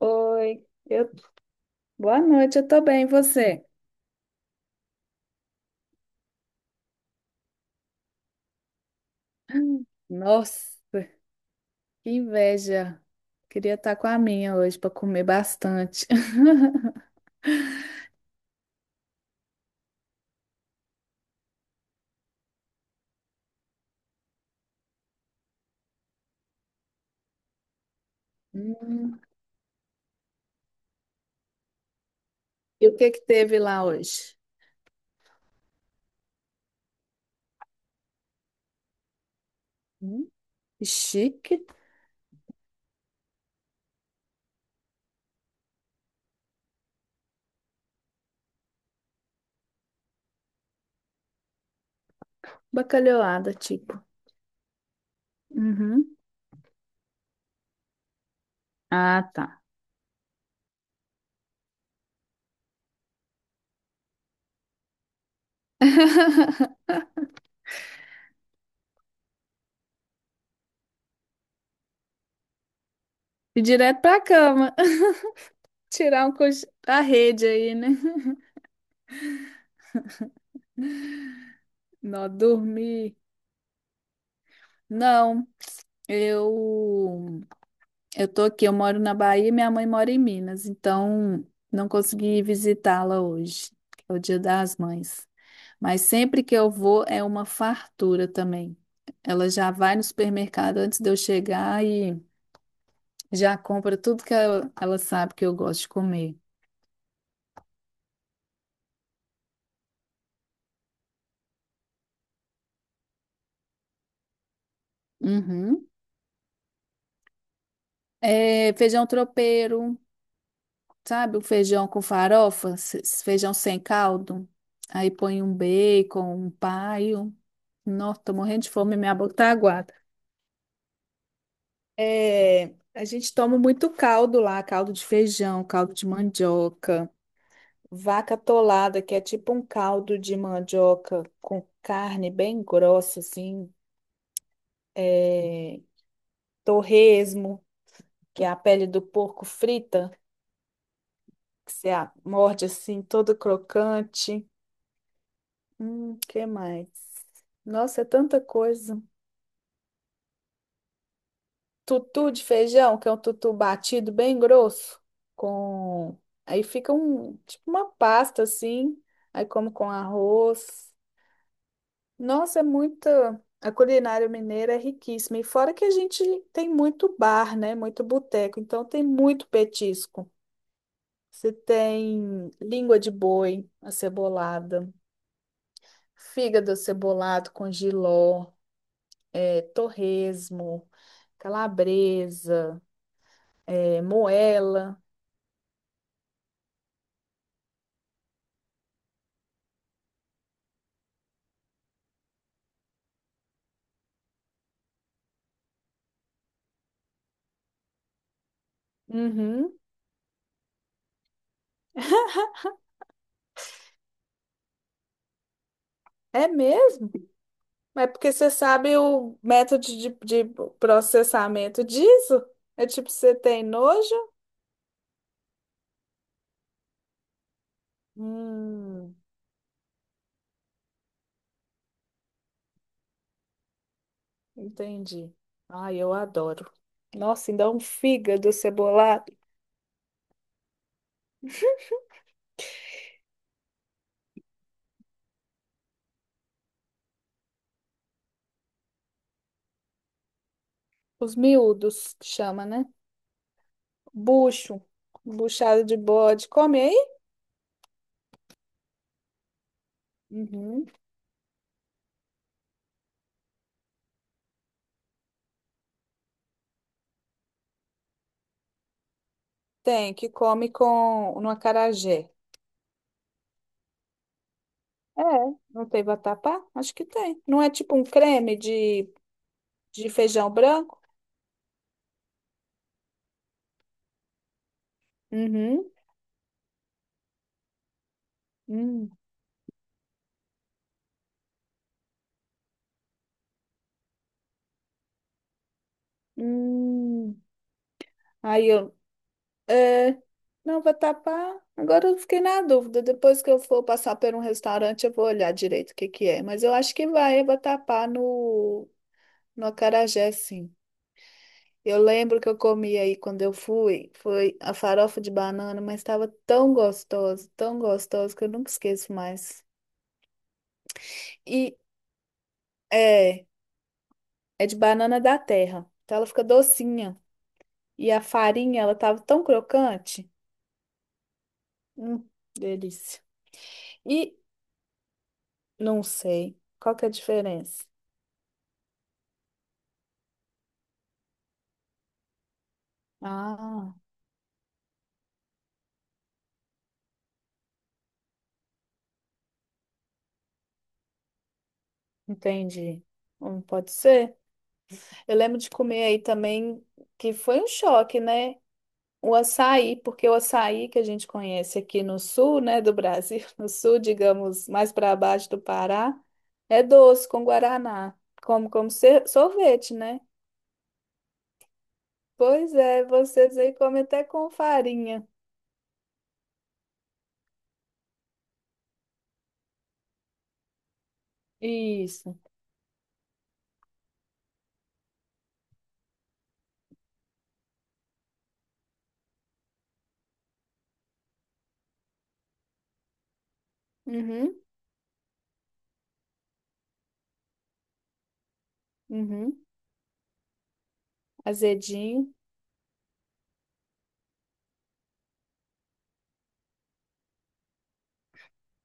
Oi, boa noite, eu tô bem, e você? Nossa, que inveja. Queria estar com a minha hoje para comer bastante. Hum, E o que que teve lá hoje? Hum. Chique, bacalhoada, tipo. Uhum. Ah, tá. E direto pra cama. Tirar um cochilo da rede aí, né? Não, dormir. Não, eu eu tô aqui, eu moro na Bahia e minha mãe mora em Minas, então não consegui visitá-la hoje, que é o Dia das Mães. Mas sempre que eu vou é uma fartura também. Ela já vai no supermercado antes de eu chegar e já compra tudo que ela sabe que eu gosto de comer. Uhum. É, feijão tropeiro, sabe? O feijão com farofa, feijão sem caldo. Aí põe um bacon, um paio. Nossa, tô morrendo de fome, minha boca tá aguada. É, a gente toma muito caldo lá, caldo de feijão, caldo de mandioca, vaca atolada, que é tipo um caldo de mandioca com carne bem grossa, assim, é, torresmo, que é a pele do porco frita, que você morde assim, todo crocante. Que mais? Nossa, é tanta coisa. Tutu de feijão, que é um tutu batido bem grosso, com aí fica um tipo uma pasta assim, aí como com arroz. Nossa, é muita A culinária mineira é riquíssima. E fora que a gente tem muito bar, né? Muito boteco. Então tem muito petisco. Você tem língua de boi acebolada, fígado acebolado com jiló, é, torresmo, calabresa, é, moela. Uhum. É mesmo? Mas é porque você sabe o método de processamento disso? É tipo, você tem nojo? Hum, entendi. Ai, eu adoro. Nossa, ainda um fígado cebolado. Os miúdos, que chama, né? Bucho. Buchada de bode. Come aí? Uhum. Tem, que come com no acarajé. É, não tem vatapá? Acho que tem. Não é tipo um creme de feijão branco? Uhum. Hum. Hum, aí eu, é, não, vai tapar. Agora eu fiquei na dúvida. Depois que eu for passar por um restaurante, eu vou olhar direito o que que é. Mas eu acho que vai tapar no acarajé, sim. Eu lembro que eu comi aí quando eu fui, foi a farofa de banana, mas estava tão gostosa que eu nunca esqueço mais. E é, é de banana da terra, então ela fica docinha. E a farinha, ela tava tão crocante. Hum, delícia. E não sei. Qual que é a diferença? Ah, entendi. Pode ser. Eu lembro de comer aí também, que foi um choque, né? O açaí, porque o açaí que a gente conhece aqui no sul, né, do Brasil, no sul, digamos, mais para baixo do Pará, é doce com guaraná, sorvete, né? Pois é, vocês aí comem até com farinha. Isso. Uhum, uhum. Azedinho.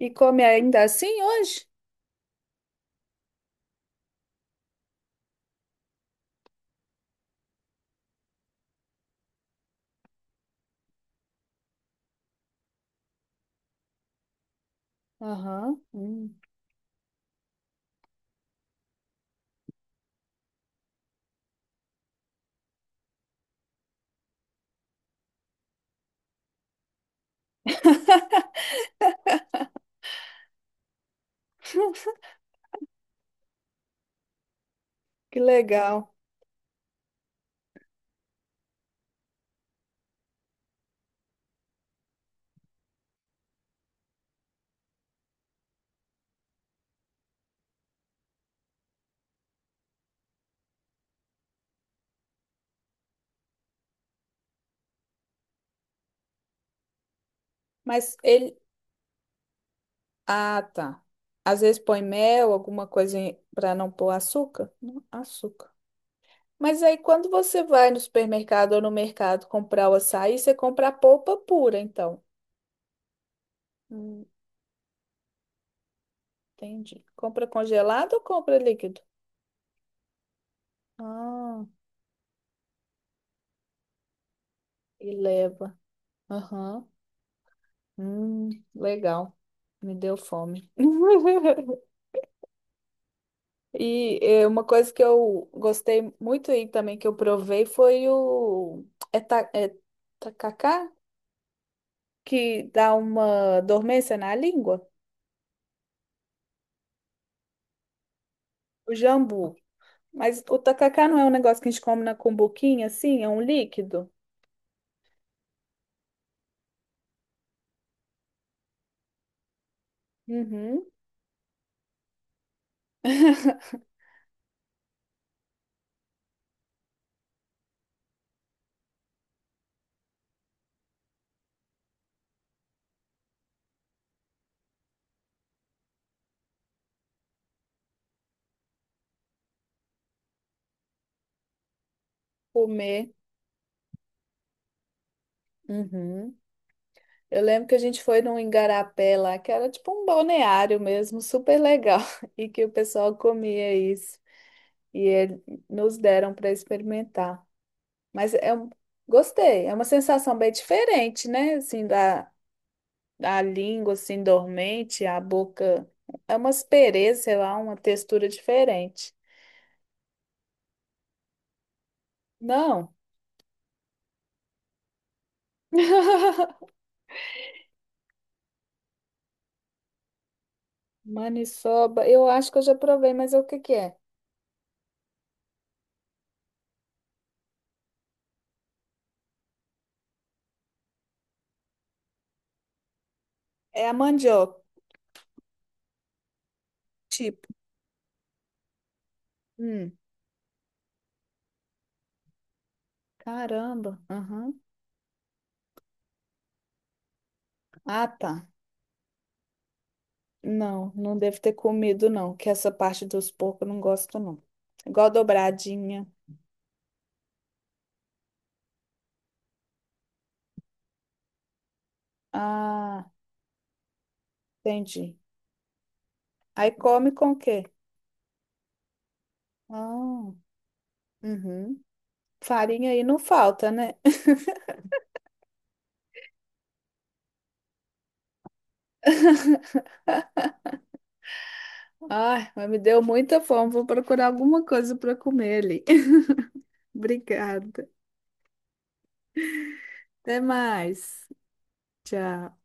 E come ainda assim hoje? Aham. Que legal. Mas ele. Ah, tá. Às vezes põe mel, alguma coisa para não pôr açúcar? Não, açúcar. Mas aí quando você vai no supermercado ou no mercado comprar o açaí, você compra a polpa pura, então. Hum, entendi. Compra congelado ou compra líquido? Ah, e leva. Aham. Hum, legal. Me deu fome. E uma coisa que eu gostei muito e também que eu provei foi o é, ta- é tacacá, que dá uma dormência na língua, o jambu. Mas o tacacá não é um negócio que a gente come na cumbuquinha, assim, é um líquido. Uhum. Comer. Uhum. Eu lembro que a gente foi num igarapé lá, que era tipo um balneário mesmo, super legal, e que o pessoal comia isso. E ele- nos deram para experimentar. Mas é um- gostei, é uma sensação bem diferente, né? Assim, da, da língua, assim, dormente, a boca. É uma aspereza, sei lá, uma textura diferente. Não. Maniçoba, eu acho que eu já provei, mas é o que que é? É a mandioca, tipo. Hum, caramba. Aham. Ah, tá. Não, não devo ter comido, não, que essa parte dos porcos eu não gosto, não. Igual dobradinha. Ah, entendi. Aí come com o quê? Ah. Uhum. Farinha aí não falta, né? Ai, mas me deu muita fome. Vou procurar alguma coisa para comer ali. Obrigada. Até mais. Tchau.